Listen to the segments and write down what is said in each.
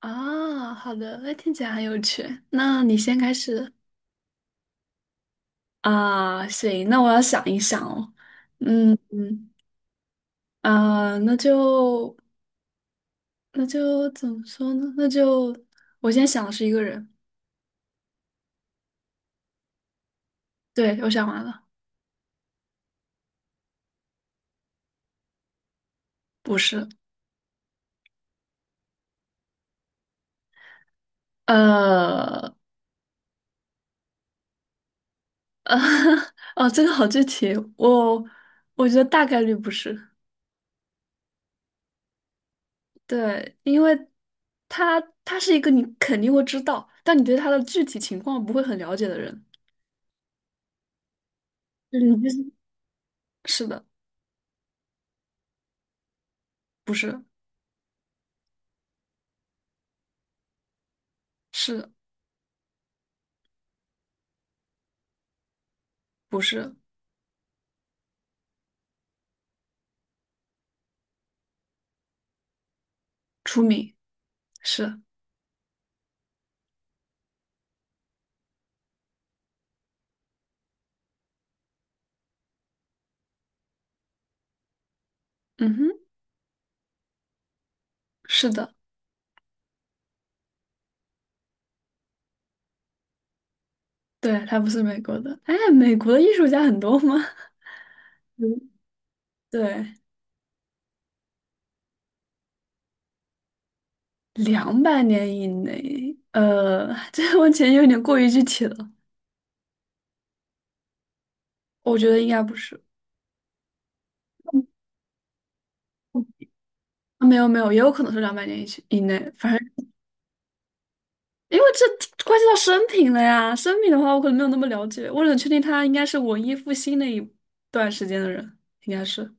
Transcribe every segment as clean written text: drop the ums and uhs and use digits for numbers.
啊，好的，那听起来很有趣。那你先开始。啊，行，那我要想一想哦。嗯嗯。啊，那就怎么说呢？那就我先想的是一个人。对，我想完了。不是。呃呃，哦，这个好具体，我觉得大概率不是。对，因为他是一个你肯定会知道，但你对他的具体情况不会很了解的人，就是你就是是的。不是。是不是出名？是。嗯哼。是的。对，他不是美国的。哎，美国的艺术家很多吗？嗯，对，200年以内，这个问题有点过于具体了，我觉得应该不是。啊，没有没有，也有可能是两百年以前以内，反正因为这关系到生平了呀。生平的话，我可能没有那么了解，我只能确定他应该是文艺复兴那一段时间的人，应该是。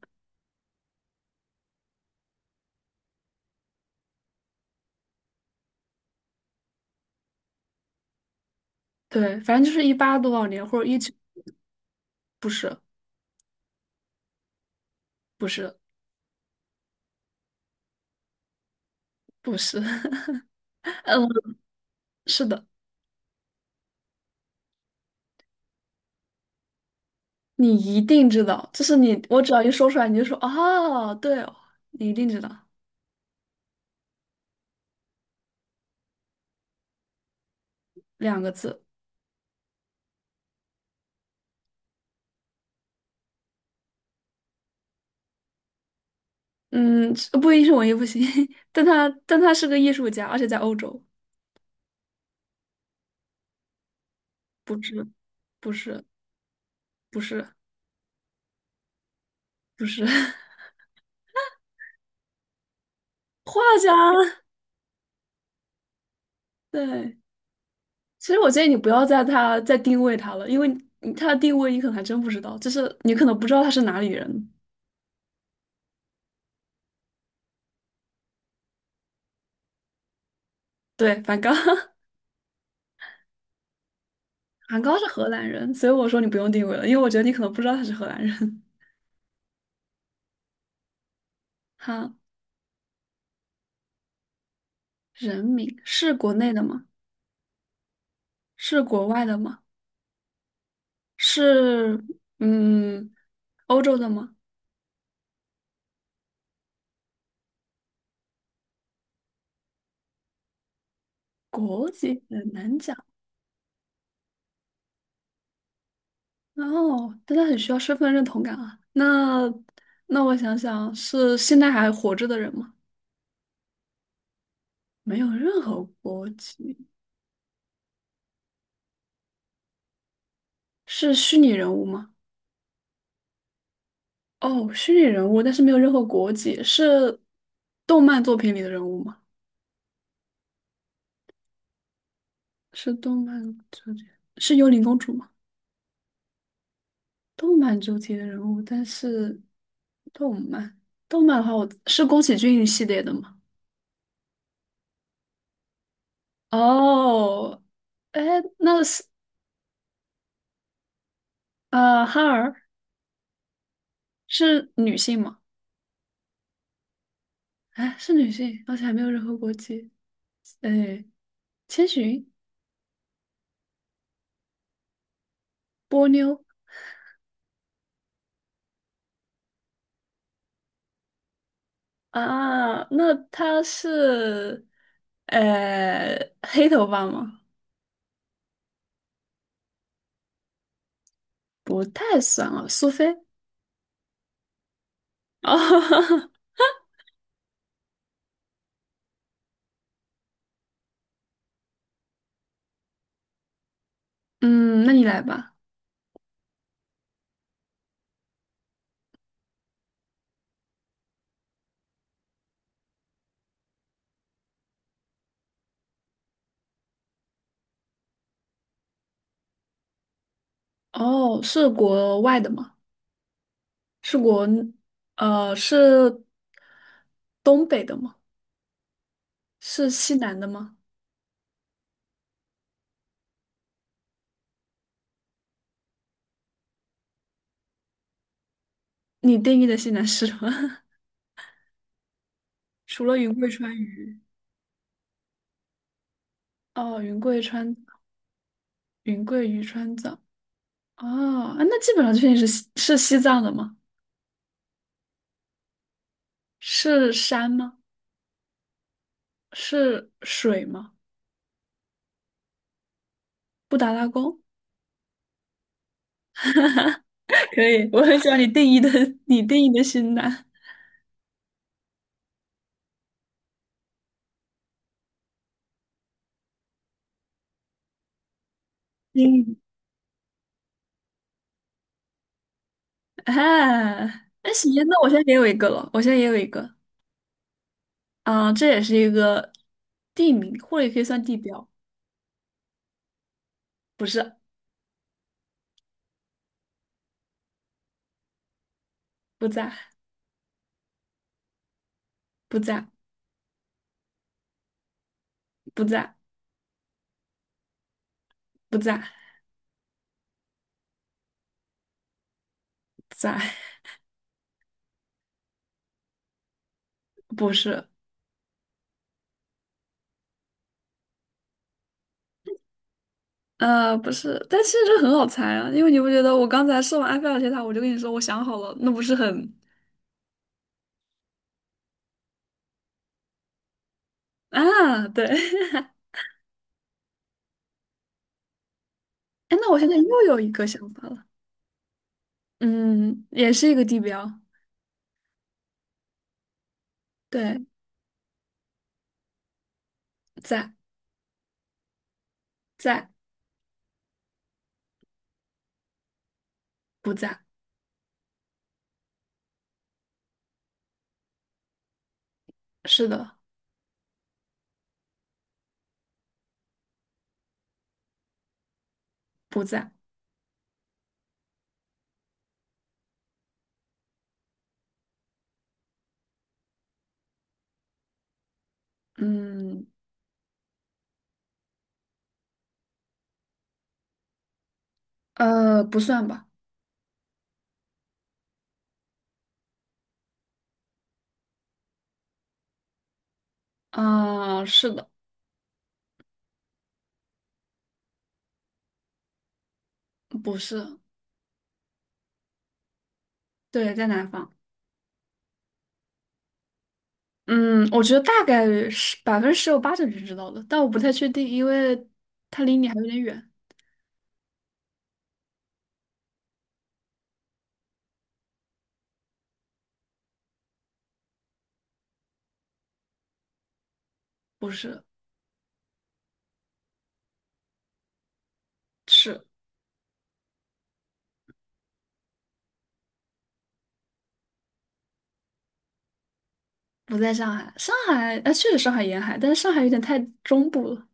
对，反正就是一八多少年或者一九。不是不是，不是。嗯，是的。你一定知道，就是你，我只要一说出来，你就说哦，对哦，你一定知道。2个字。嗯，不一定是文艺复兴，但他是个艺术家，而且在欧洲。不是。不是。不是。不是。 画家。对。其实我建议你不要在他再定位他了，因为你他的定位你可能还真不知道，就是你可能不知道他是哪里人。对，梵高。梵高是荷兰人，所以我说你不用定位了，因为我觉得你可能不知道他是荷兰人。好。人名是国内的吗？是国外的吗？是。嗯，欧洲的吗？国籍很难讲。然后，但他很需要身份认同感啊。那我想想，是现在还活着的人吗？没有任何国籍，是虚拟人物吗？哦，虚拟人物，但是没有任何国籍，是动漫作品里的人物吗？是动漫作品，是幽灵公主吗？动漫主题的人物，但是动漫动漫的话我，是宫崎骏系列的吗？哦。哎，那是哈尔。是女性吗？哎，是女性，而且还没有任何国籍。哎，千寻。波妞。啊，那她是呃黑头发吗？不太算啊，苏菲。哦。嗯，那你来吧。哦，是国外的吗？是我，是东北的吗？是西南的吗？你定义的西南是什么？除了云贵川渝。哦，云贵川，云贵渝川藏。哦。啊，那基本上确定是西藏的吗？是山吗？是水吗？布达拉宫？可以，我很喜欢你定义的，你定义的西南。嗯。啊，那行，那我现在也有一个了，我现在也有一个。啊、这也是一个地名，或者也可以算地标。不是。不在。不在。不在。不在。在。不是。不是，但其实这很好猜啊，因为你不觉得我刚才说完埃菲尔铁塔，我就跟你说我想好了，那不是很啊？对。哎，那我现在又有一个想法了。嗯，也是一个地标。对。在。在。不在。是的。不在。嗯。不算吧。啊、是的。不是。对，在南方。嗯，我觉得大概是百分之十有八九是知道的，但我不太确定，因为它离你还有点远。不是。是。不在上海，上海啊，确实上海沿海，但是上海有点太中部了。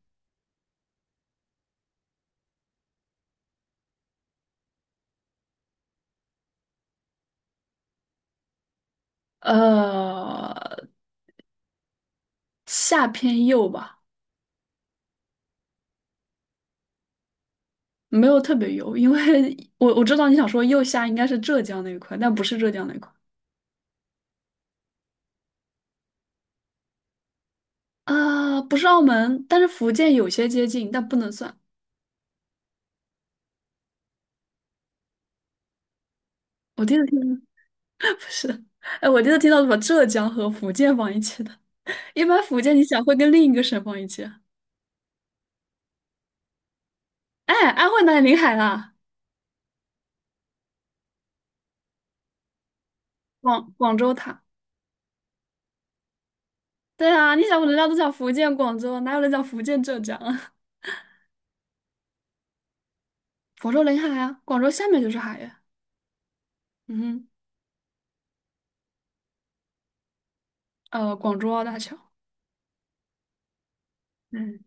呃，下偏右吧。没有特别右，因为我知道你想说右下应该是浙江那一块，但不是浙江那一块。啊，不是澳门，但是福建有些接近，但不能算。我第一次听。不是。哎，我第一次听到把浙江和福建放一起的。一般福建你想会跟另一个省放一起？哎，安徽哪里临海啦？广州塔。对啊，你想人家都讲福建广州，哪有人讲福建浙江啊？广州临海啊，广州下面就是海呀。嗯哼。广州澳大桥。嗯，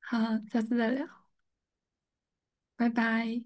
好，下次再聊，拜拜。